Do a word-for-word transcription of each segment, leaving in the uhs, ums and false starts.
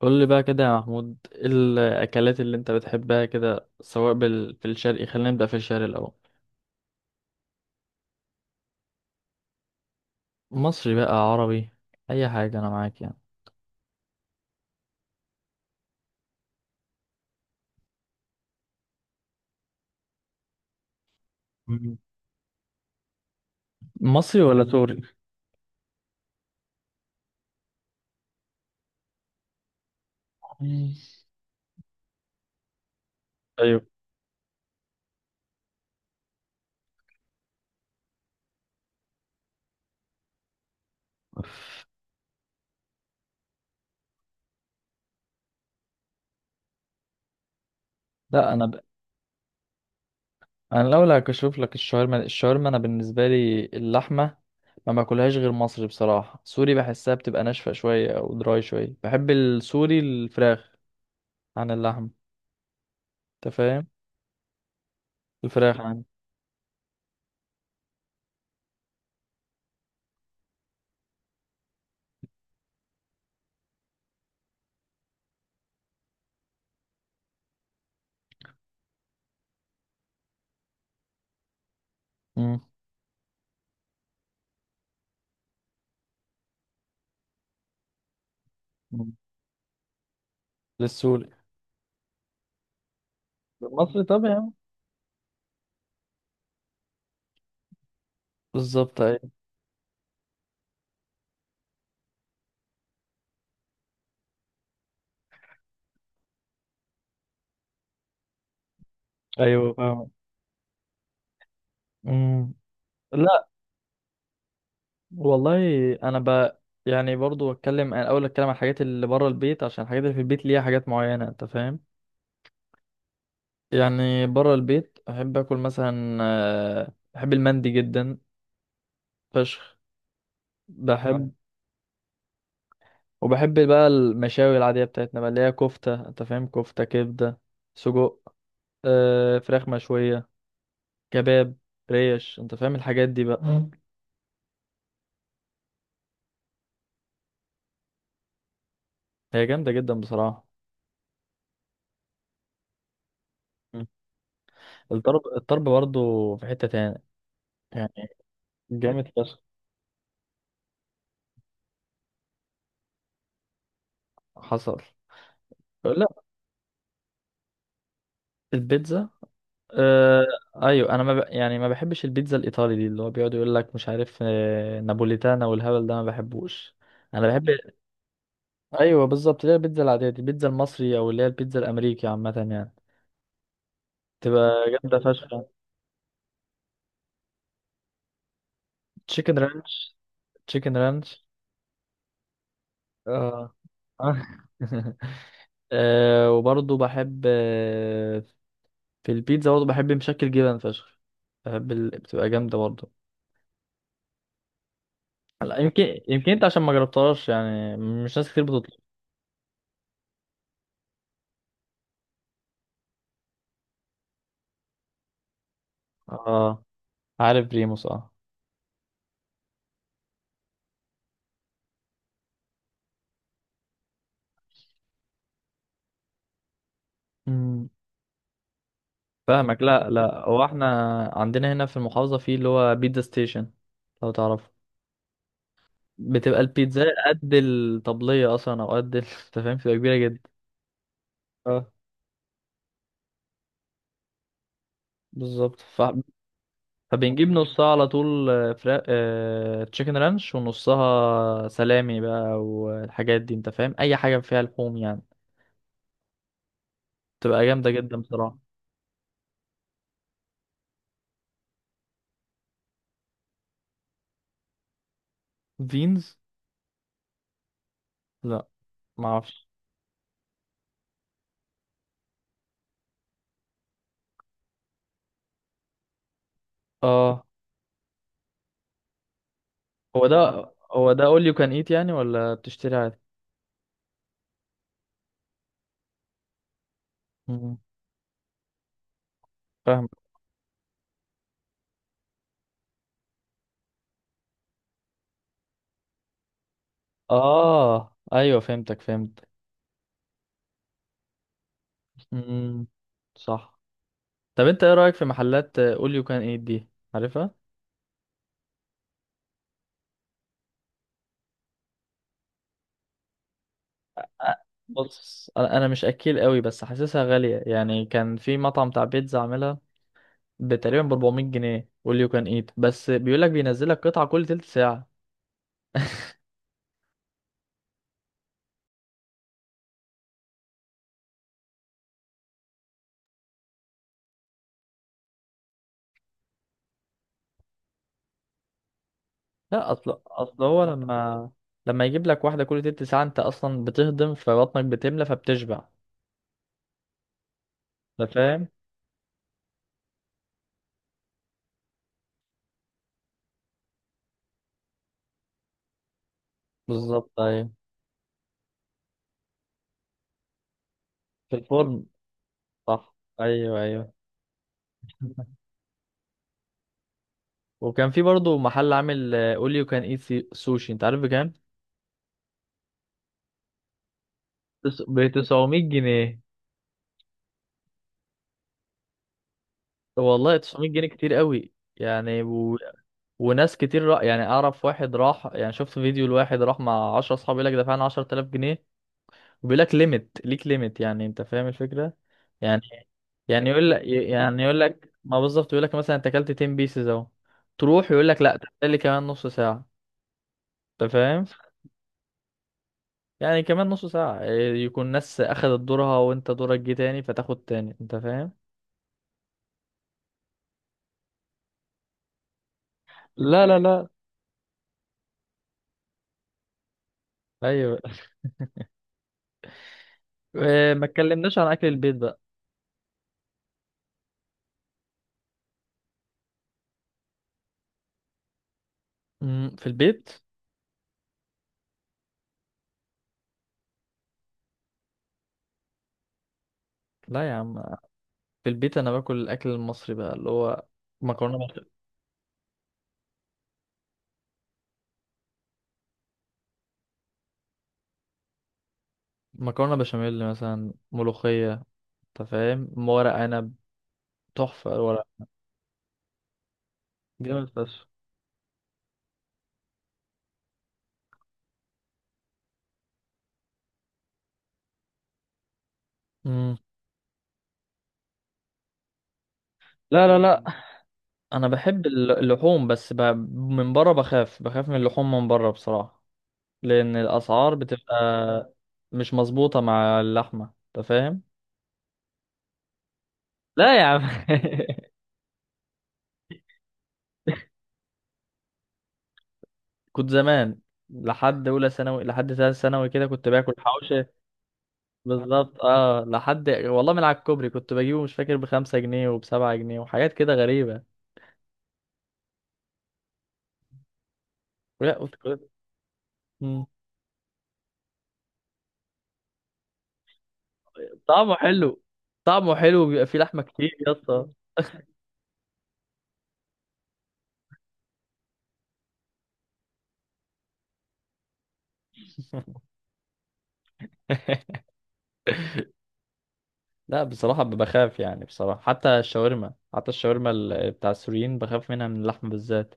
قول لي بقى كده يا محمود، ايه الاكلات اللي انت بتحبها كده، سواء بال... في الشرقي؟ خلينا نبدا في الشرقي الاول. مصري بقى، عربي، اي حاجه انا معاك يعني. مم. مصري ولا سوري؟ مم. ايوه. لا انا ب... انا الاول هكشف لك. الشاورما، الشاورما انا بالنسبه لي اللحمه ما باكلهاش غير مصري، بصراحه سوري بحسها بتبقى ناشفه شويه او دراي شويه. بحب السوري الفراخ عن اللحم، انت فاهم. الفراخ عن... امم، للسوري. المصري طبعا. بالظبط ايوه. ايوه فاهم. أمم. لا والله، انا ب يعني برضو اتكلم، انا اول اتكلم عن الحاجات اللي بره البيت، عشان الحاجات اللي في البيت ليها حاجات معينه، انت فاهم. يعني بره البيت احب اكل مثلا آه، بحب المندي جدا فشخ. بحب وبحب بقى المشاوي العاديه بتاعتنا بقى، اللي هي كفته، انت فاهم، كفته، كبده، سجق، آه، فراخ مشويه، كباب، ريش، انت فاهم الحاجات دي بقى. مم. هي جامده جدا بصراحه. مم. الطرب، الطرب برضو في حته تاني يعني، حلو جامد، بس حصل. لا البيتزا. آه ايوه، انا ما ب... يعني ما بحبش البيتزا الايطالي دي، اللي هو بيقعد يقول لك مش عارف آه نابوليتانا والهبل ده، ما بحبوش. انا بحب. ايوه بالظبط، اللي هي البيتزا العاديه دي، البيتزا المصري، او اللي هي البيتزا الامريكي عامه يعني، تبقى جامده فشخ. تشيكن رانش. تشيكن رانش. اه. آه، وبرضه بحب آه، في البيتزا برضه بحب مشكل جبن فشخ. بحب ال... بتبقى جامده برضه. لا، يمكن يمكن انت عشان ما جربتهاش يعني، مش ناس كتير بتطلب. اه، عارف بريموس، اه. امم. فاهمك. لا لا، هو احنا عندنا هنا في المحافظة في اللي هو بيتزا ستيشن، لو تعرف. بتبقى البيتزا قد الطبلية اصلا، او قد ال- انت فاهم، بتبقى كبيرة جدا. اه بالظبط، ف... فبنجيب نصها على طول آه، فراخ اه... تشيكن رانش، ونصها سلامي بقى والحاجات دي، انت فاهم اي حاجة فيها لحوم يعني. بتبقى جامدة جدا بصراحة. فينز، لا معرفش. اه، هو ده هو ده اول يو كان ايت يعني، ولا بتشتري عادي؟ مم. فاهم. اه ايوه، فهمتك، فهمت. مم. صح. طب انت ايه رايك في محلات اول يو كان ايت دي؟ عارفها. أ- بص انا أنا مش اكيل قوي، بس حاسسها غاليه يعني. كان في مطعم بتاع بيتزا عاملها تقريبا ب أربعمية جنيه اول يو كان ايت، بس بيقول لك بينزل لك قطعه كل تلت ساعه. لا، اصل اصل هو لما لما يجيب لك واحده كل تلت ساعه، انت اصلا بتهضم، فبطنك بتملى، فبتشبع، أنت فاهم. بالظبط أيوة. في الفرن. صح. أيوة أيوة. وكان في برضه محل عامل اول يو كان ايت سوشي، أنت عارف بكام؟ تس- ب تسعمية جنيه. والله تسعمية جنيه كتير قوي يعني. و... وناس كتير را... يعني اعرف واحد راح، يعني شفت فيديو لواحد راح مع 10 اصحاب، يقول لك دفعنا عشرتلاف جنيه. وبيقول لك ليميت، ليك ليميت يعني، انت فاهم الفكرة يعني. يعني يقول لك يعني يقول لك ما بالظبط، يقول لك مثلا انت اكلت 10 بيسز اهو، تروح يقول لك لا، تحتاج لي كمان نص ساعة، انت فاهم. يعني كمان نص ساعة إيه، يكون ناس اخدت دورها وانت دورك جه تاني، فتاخد تاني، انت فاهم. لا لا لا. ايوه. إيه، ما اتكلمناش عن اكل البيت بقى. أمم، في البيت. لا يا عم، في البيت انا باكل الاكل المصري بقى، اللي هو مكرونة بش... مكرونة بشاميل مثلا، ملوخية، انت فاهم، ورق عنب، تحفة الورق، جامد فشخ. أمم. لا لا لا، انا بحب الل- اللحوم، بس ب... من بره بخاف بخاف من اللحوم من بره بصراحة، لان الاسعار بتبقى مش مظبوطه مع اللحمه، انت فاهم. لا يا عم. كنت زمان لحد اولى ثانوي، لحد ثالث ثانوي كده كنت باكل حوشه. بالظبط اه، لحد والله من على الكوبري كنت بجيبه، مش فاكر، بخمسة جنيه وبسبعة جنيه وحاجات كده غريبه. لا وت- مم. طعمه حلو طعمه حلو بيبقى فيه لحمه كتير يا اسطى. لا بصراحه بخاف يعني، بصراحه حتى الشاورما حتى الشاورما ال- بتاع السوريين بخاف منها، من اللحمه بالذات.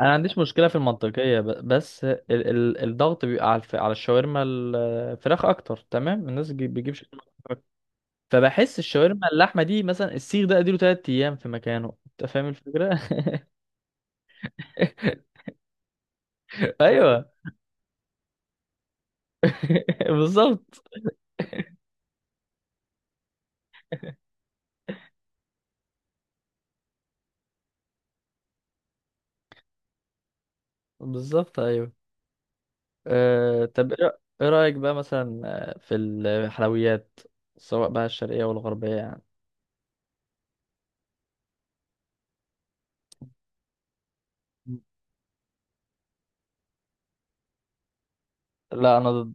انا ما عنديش مشكله في المنطقيه، ب- بس ال ال الضغط بيبقى على الف على الشاورما الفراخ اكتر، تمام. الناس بيجي- بيجيب شاورما أكتر. فبحس الشاورما اللحمه دي، مثلا السيخ ده اديله 3 ايام في مكانه، انت فاهم الفكره. ايوه. بالظبط. بالظبط ايوه. أه طب ايه رأ- إيه رايك بقى مثلا آه، في الحلويات، سواء بقى الشرقيه والغربيه يعني؟ لا انا ضد.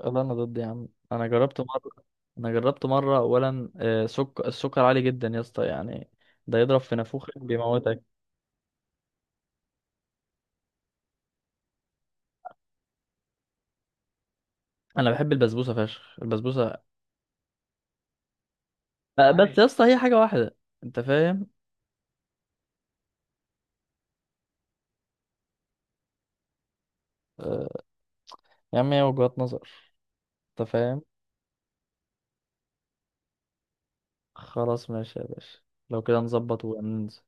لا انا ضد يا عم، انا جربت مره انا جربت مره اولا آه، سك... السكر عالي جدا يا اسطى يعني. ده يضرب في نافوخك، بيموتك. انا بحب البسبوسه فشخ، البسبوسه. آه، بس يا اسطى هي حاجه واحده، انت فاهم. آه، يا عم هي وجهات نظر، انت فاهم. خلاص ماشي يا باشا، لو كده نظبط وننزل.